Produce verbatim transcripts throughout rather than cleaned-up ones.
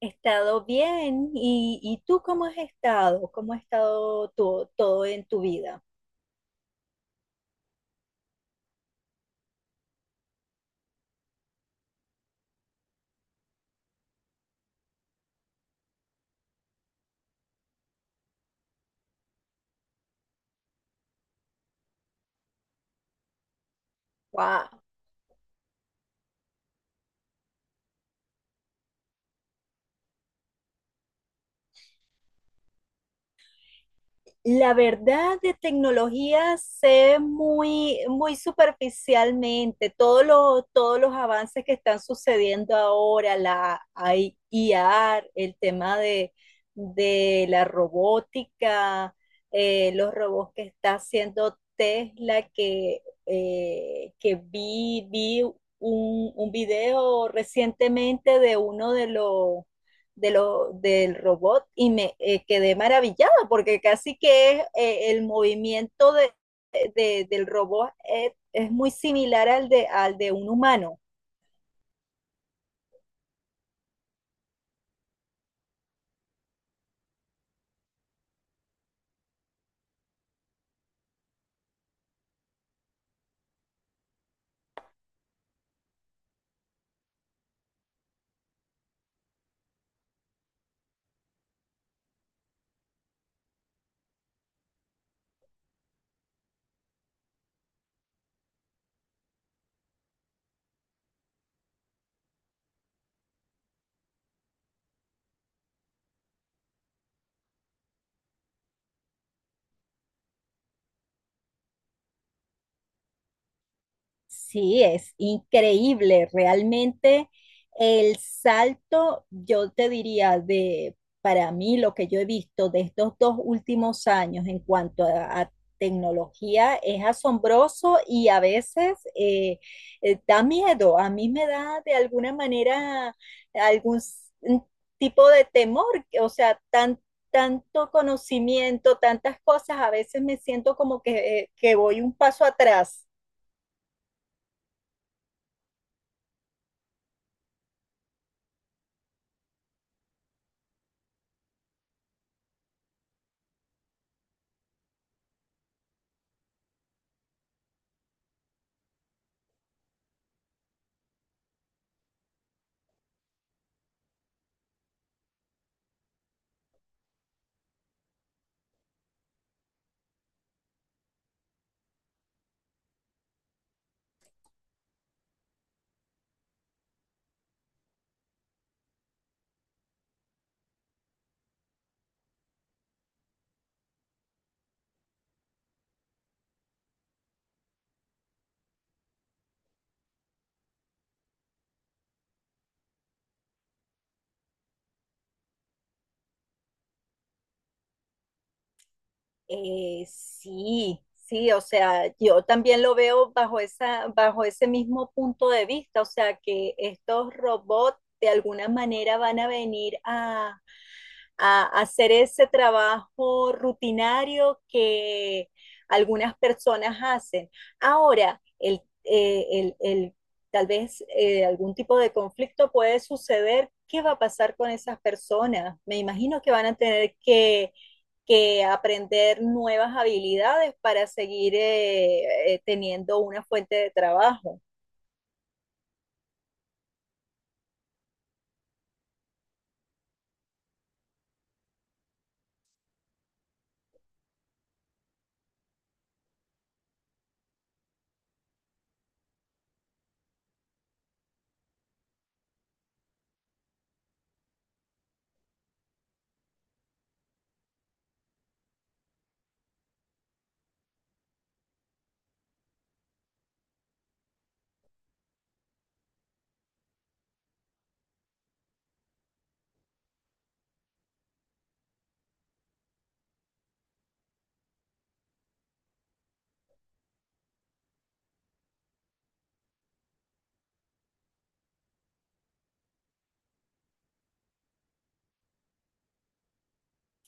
He estado bien. ¿Y, y tú cómo has estado? ¿Cómo ha estado tu- todo en tu vida? Wow. La verdad de tecnología sé muy, muy superficialmente todos los, todos los avances que están sucediendo ahora, la A I, I A, el tema de, de la robótica, eh, los robots que está haciendo Tesla, que, eh, que vi, vi un, un video recientemente de uno de los de lo, del robot y me eh, quedé maravillada porque casi que es, eh, el movimiento de, de, del robot es, es muy similar al de, al de un humano. Sí, es increíble, realmente el salto, yo te diría de, para mí lo que yo he visto de estos dos últimos años en cuanto a, a tecnología es asombroso y a veces eh, eh, da miedo, a mí me da de alguna manera algún s- un tipo de temor, o sea, tan- tanto conocimiento, tantas cosas, a veces me siento como que, eh, que voy un paso atrás. Eh, sí, sí, o sea, yo también lo veo bajo esa, bajo ese mismo punto de vista, o sea, que estos robots de alguna manera van a venir a a hacer ese trabajo rutinario que algunas personas hacen. Ahora, el, eh, el, el tal vez eh, algún tipo de conflicto puede suceder. ¿Qué va a pasar con esas personas? Me imagino que van a tener que, que aprender nuevas habilidades para seguir eh, eh, teniendo una fuente de trabajo.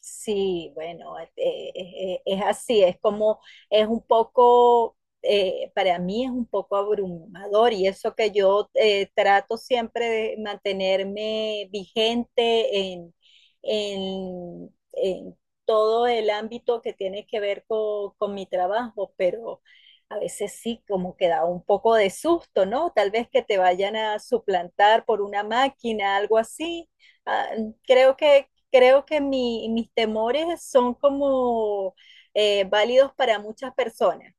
Sí, bueno, eh, eh, eh, eh, es así, es como, es un poco, eh, para mí es un poco abrumador y eso que yo eh, trato siempre de mantenerme vigente en, en, en todo el ámbito que tiene que ver co- con mi trabajo, pero a veces sí, como que da un poco de susto, ¿no? Tal vez que te vayan a suplantar por una máquina, algo así. Ah, creo que, creo que mi- mis temores son como eh, válidos para muchas personas.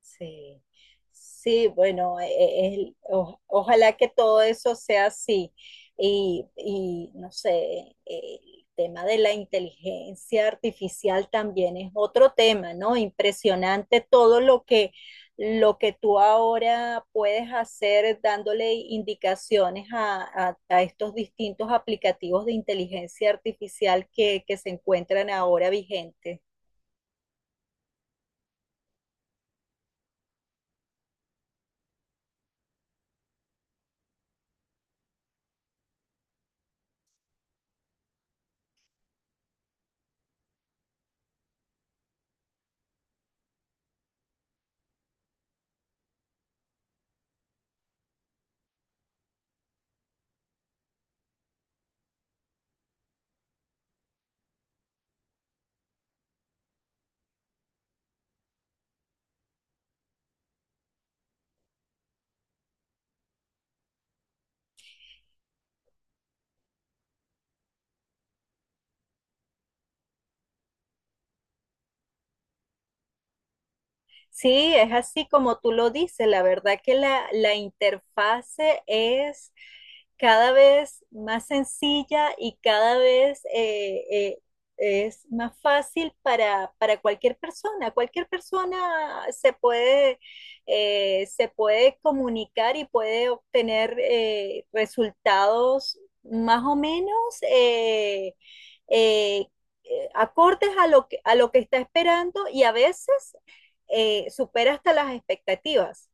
Sí, sí, bueno, e- e- el- o- ojalá que todo eso sea así. Y, y, no sé, el tema de la inteligencia artificial también es otro tema, ¿no? Impresionante todo lo que, lo que tú ahora puedes hacer dándole indicaciones a, a- a estos distintos aplicativos de inteligencia artificial que, que se encuentran ahora vigentes. Sí, es así como tú lo dices. La verdad que la, la interfase es cada vez más sencilla y cada vez eh, eh, es más fácil para, para cualquier persona. Cualquier persona se puede, eh, se puede comunicar y puede obtener eh, resultados más o menos eh, eh, eh, acordes a lo que, a lo que está esperando y a veces eh, supera hasta las expectativas.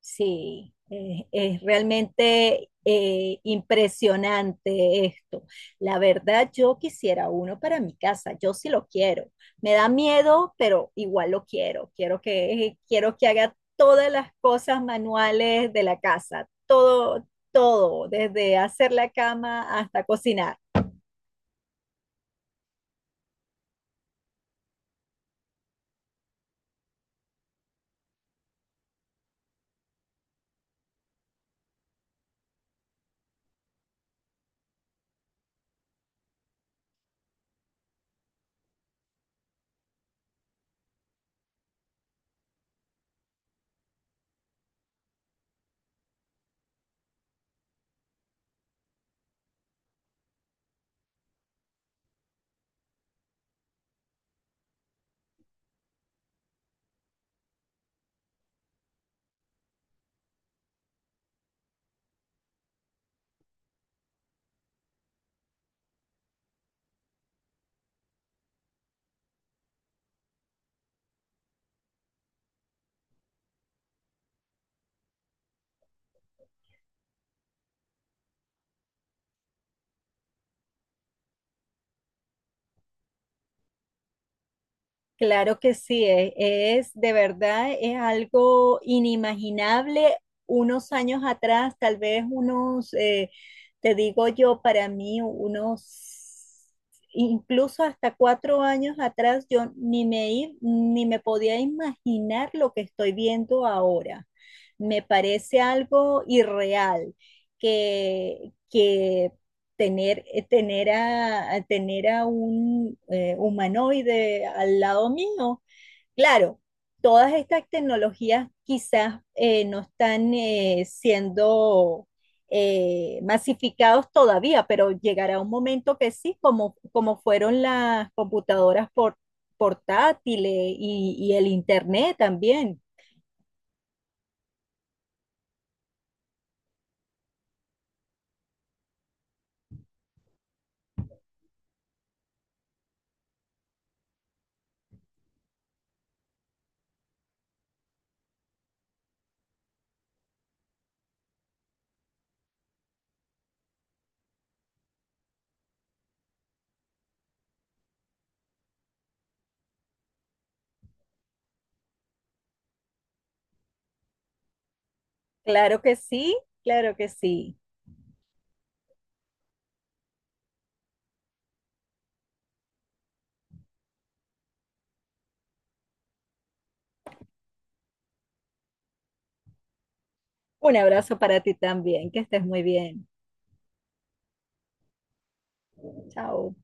Sí, eh, es realmente eh, impresionante esto. La verdad, yo quisiera uno para mi casa, yo sí lo quiero. Me da miedo, pero igual lo quiero. Quiero que, quiero que haga todas las cosas manuales de la casa, todo, todo, desde hacer la cama hasta cocinar. Claro que sí, e- es, de verdad, es algo inimaginable. Unos años atrás, tal vez unos, eh, te digo yo, para mí, unos, incluso hasta cuatro años atrás, yo ni me, i- ni me podía imaginar lo que estoy viendo ahora. Me parece algo irreal, que, que tener, eh, tener a, a tener a un eh, humanoide al lado mío. Claro, todas estas tecnologías quizás eh, no están eh, siendo eh, masificados todavía, pero llegará un momento que sí, como, como fueron las computadoras por- portátiles y, y el internet también. Claro que sí, claro que sí. Un abrazo para ti también, que estés muy bien. Chao.